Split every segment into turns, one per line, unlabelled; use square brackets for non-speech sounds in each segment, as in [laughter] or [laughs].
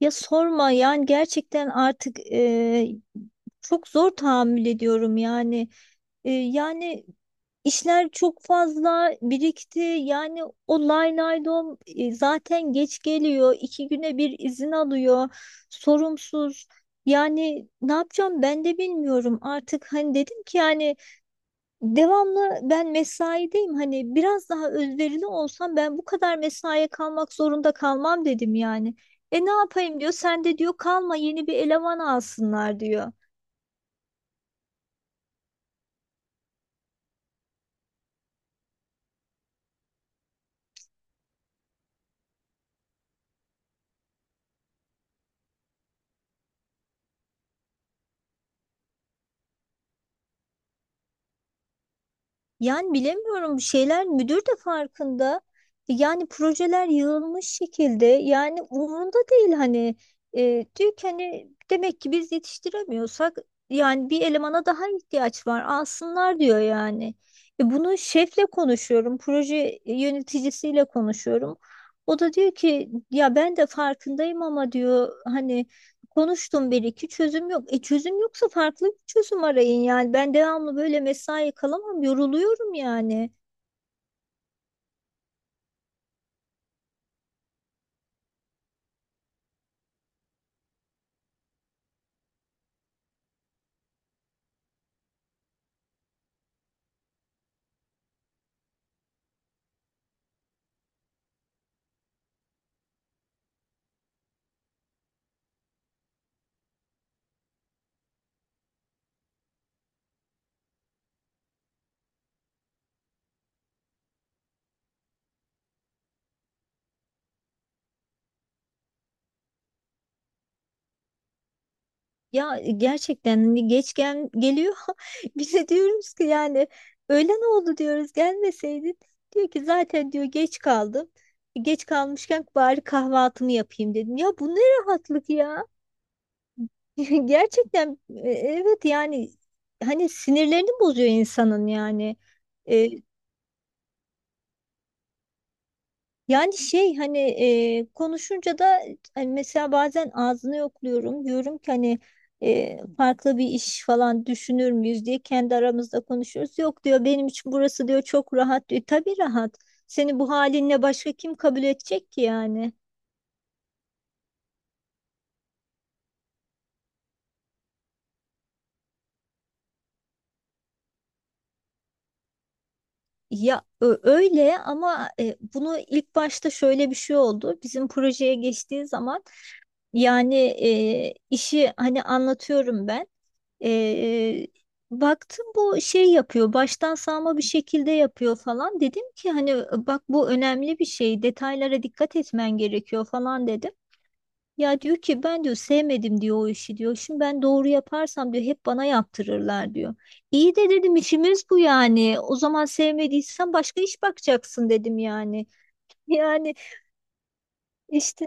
Ya sorma yani gerçekten artık çok zor tahammül ediyorum yani. Yani işler çok fazla birikti. Yani o lay lay dom, zaten geç geliyor. İki güne bir izin alıyor. Sorumsuz. Yani ne yapacağım ben de bilmiyorum. Artık hani dedim ki yani devamlı ben mesaideyim, hani biraz daha özverili olsam ben bu kadar mesaiye kalmak zorunda kalmam dedim yani. E ne yapayım diyor, sen de diyor kalma, yeni bir eleman alsınlar diyor. Yani bilemiyorum, şeyler müdür de farkında. Yani projeler yığılmış şekilde, yani umurunda değil hani. Diyor ki hani demek ki biz yetiştiremiyorsak yani bir elemana daha ihtiyaç var, alsınlar diyor yani. Bunu şefle konuşuyorum, proje yöneticisiyle konuşuyorum. O da diyor ki ya ben de farkındayım ama diyor hani konuştum, bir iki çözüm yok. E çözüm yoksa farklı bir çözüm arayın yani. Ben devamlı böyle mesai kalamam, yoruluyorum yani. Ya gerçekten hani geç gel geliyor. [laughs] Bize diyoruz ki yani öğlen oldu diyoruz, gelmeseydin. Diyor ki zaten diyor geç kaldım. E geç kalmışken bari kahvaltımı yapayım dedim. Ya bu ne rahatlık ya. [laughs] Gerçekten evet yani hani sinirlerini bozuyor insanın yani. E, Yani şey hani, konuşunca da hani mesela bazen ağzını yokluyorum. Diyorum ki hani farklı bir iş falan düşünür müyüz diye kendi aramızda konuşuyoruz. Yok diyor, benim için burası diyor çok rahat diyor. Tabii rahat. Seni bu halinle başka kim kabul edecek ki yani? Ya öyle ama bunu ilk başta şöyle bir şey oldu. Bizim projeye geçtiği zaman yani, işi hani anlatıyorum ben. E, Baktım bu şey yapıyor, baştan sağma bir şekilde yapıyor falan. Dedim ki hani bak bu önemli bir şey, detaylara dikkat etmen gerekiyor falan dedim. Ya diyor ki ben diyor sevmedim diyor o işi diyor. Şimdi ben doğru yaparsam diyor hep bana yaptırırlar diyor. İyi de dedim işimiz bu yani. O zaman sevmediysen başka iş bakacaksın dedim yani. [laughs] Yani işte.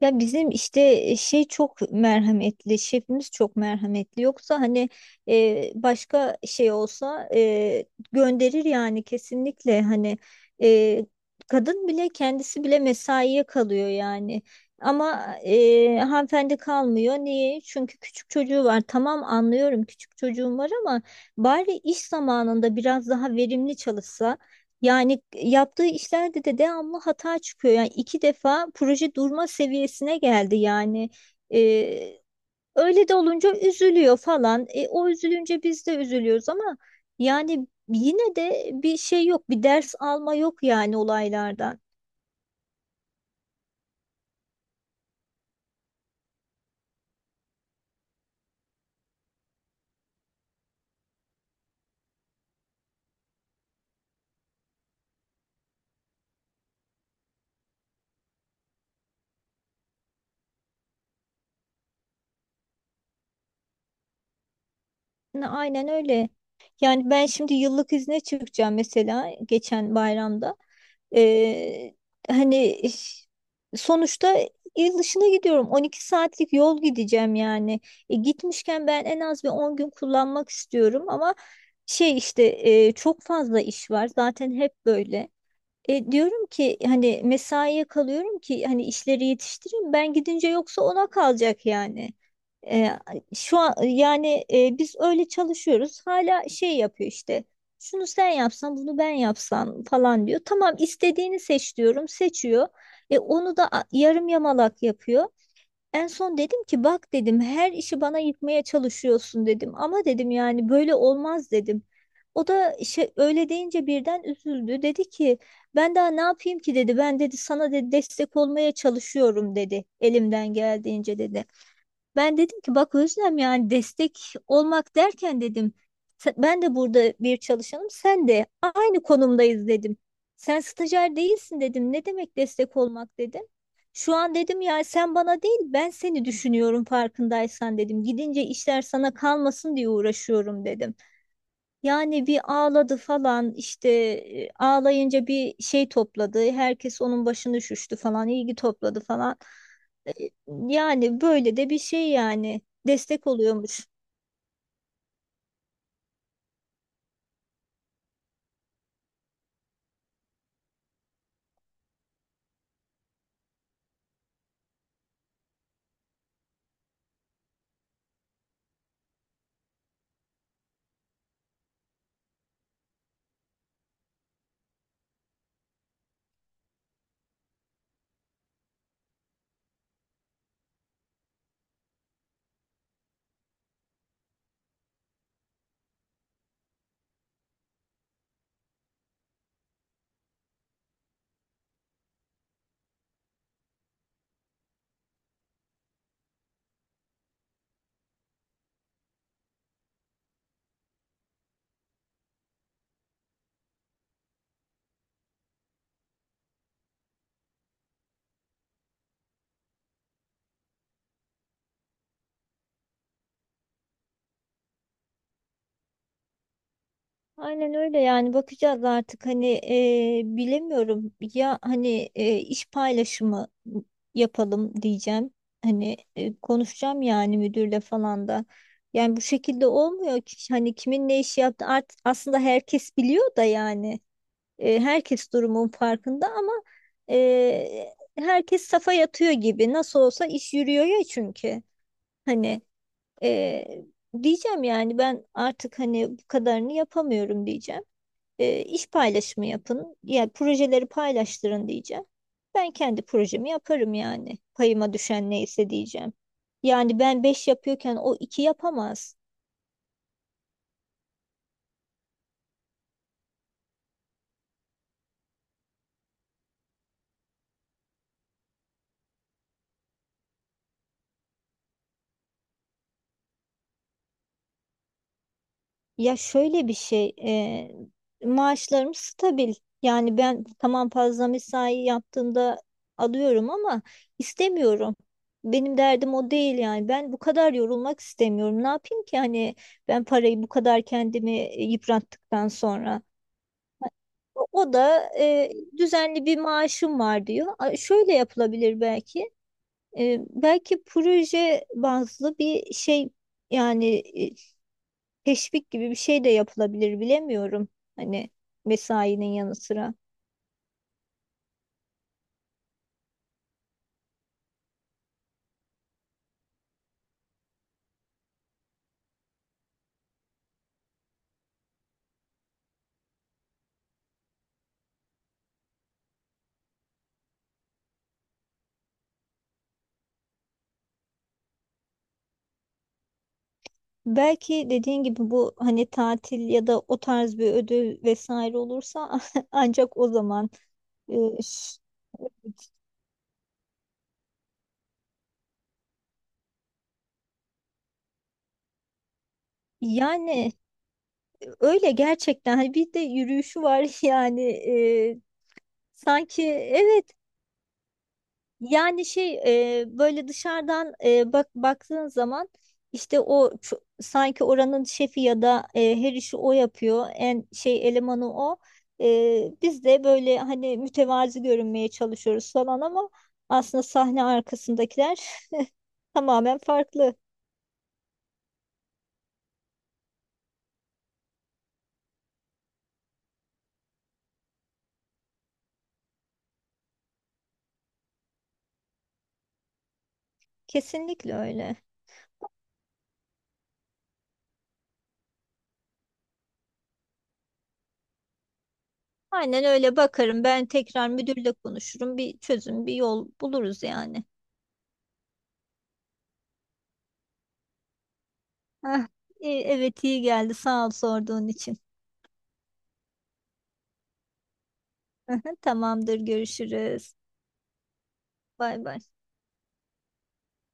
Ya bizim işte şey çok merhametli, şefimiz çok merhametli. Yoksa hani başka şey olsa gönderir yani kesinlikle hani. e, Kadın bile, kendisi bile mesaiye kalıyor yani. Ama hanımefendi kalmıyor. Niye? Çünkü küçük çocuğu var. Tamam anlıyorum küçük çocuğum var ama bari iş zamanında biraz daha verimli çalışsa. Yani yaptığı işlerde de devamlı hata çıkıyor. Yani iki defa proje durma seviyesine geldi yani. Ee, Öyle de olunca üzülüyor falan. E o üzülünce biz de üzülüyoruz ama yani yine de bir şey yok, bir ders alma yok yani olaylardan. Aynen öyle. Yani ben şimdi yıllık izne çıkacağım, mesela geçen bayramda. Ee, Hani sonuçta il dışına gidiyorum. 12 saatlik yol gideceğim yani. E gitmişken ben en az bir 10 gün kullanmak istiyorum ama şey işte çok fazla iş var. Zaten hep böyle. Diyorum ki hani mesaiye kalıyorum ki hani işleri yetiştireyim ben gidince, yoksa ona kalacak yani. E, Şu an yani biz öyle çalışıyoruz, hala şey yapıyor işte şunu sen yapsan bunu ben yapsam falan diyor. Tamam istediğini seç diyorum, seçiyor. Onu da yarım yamalak yapıyor. En son dedim ki bak dedim her işi bana yıkmaya çalışıyorsun dedim ama dedim yani böyle olmaz dedim. O da şey, öyle deyince birden üzüldü. Dedi ki ben daha ne yapayım ki dedi. Ben dedi sana dedi destek olmaya çalışıyorum dedi. Elimden geldiğince dedi. Ben dedim ki bak Özlem yani destek olmak derken dedim, ben de burada bir çalışanım, sen de aynı konumdayız dedim. Sen stajyer değilsin dedim. Ne demek destek olmak dedim. Şu an dedim yani sen bana değil, ben seni düşünüyorum farkındaysan dedim. Gidince işler sana kalmasın diye uğraşıyorum dedim. Yani bir ağladı falan işte, ağlayınca bir şey topladı. Herkes onun başını şüştü falan, ilgi topladı falan. E, Yani böyle de bir şey yani, destek oluyormuş. Aynen öyle yani bakacağız artık hani. Bilemiyorum ya hani, iş paylaşımı yapalım diyeceğim. Hani konuşacağım yani müdürle falan da. Yani bu şekilde olmuyor ki, hani kimin ne işi yaptı artık aslında herkes biliyor da yani. Herkes durumun farkında ama herkes safa yatıyor gibi. Nasıl olsa iş yürüyor ya çünkü. Hani e, diyeceğim yani ben artık hani bu kadarını yapamıyorum diyeceğim. İş paylaşımı yapın. Yani projeleri paylaştırın diyeceğim. Ben kendi projemi yaparım yani. Payıma düşen neyse diyeceğim. Yani ben 5 yapıyorken o 2 yapamaz. Ya şöyle bir şey, maaşlarım stabil. Yani ben tamam fazla mesai yaptığımda alıyorum ama istemiyorum. Benim derdim o değil yani. Ben bu kadar yorulmak istemiyorum. Ne yapayım ki hani ben parayı bu kadar kendimi yıprattıktan sonra. O da düzenli bir maaşım var diyor. A, şöyle yapılabilir belki. E belki proje bazlı bir şey yani teşvik gibi bir şey de yapılabilir, bilemiyorum. Hani mesainin yanı sıra. Belki dediğin gibi bu hani tatil ya da o tarz bir ödül vesaire olursa [laughs] ancak o zaman e, ş- yani öyle gerçekten hani, bir de yürüyüşü var. [laughs] Yani sanki, evet. Yani şey, böyle dışarıdan baktığın zaman işte o sanki oranın şefi, ya da her işi o yapıyor. En şey elemanı o. Biz de böyle hani mütevazi görünmeye çalışıyoruz falan ama aslında sahne arkasındakiler [laughs] tamamen farklı. Kesinlikle öyle. Aynen öyle bakarım. Ben tekrar müdürle konuşurum. Bir çözüm, bir yol buluruz yani. Heh, evet iyi geldi. Sağ ol sorduğun için. [laughs] Tamamdır, görüşürüz. Bay bay.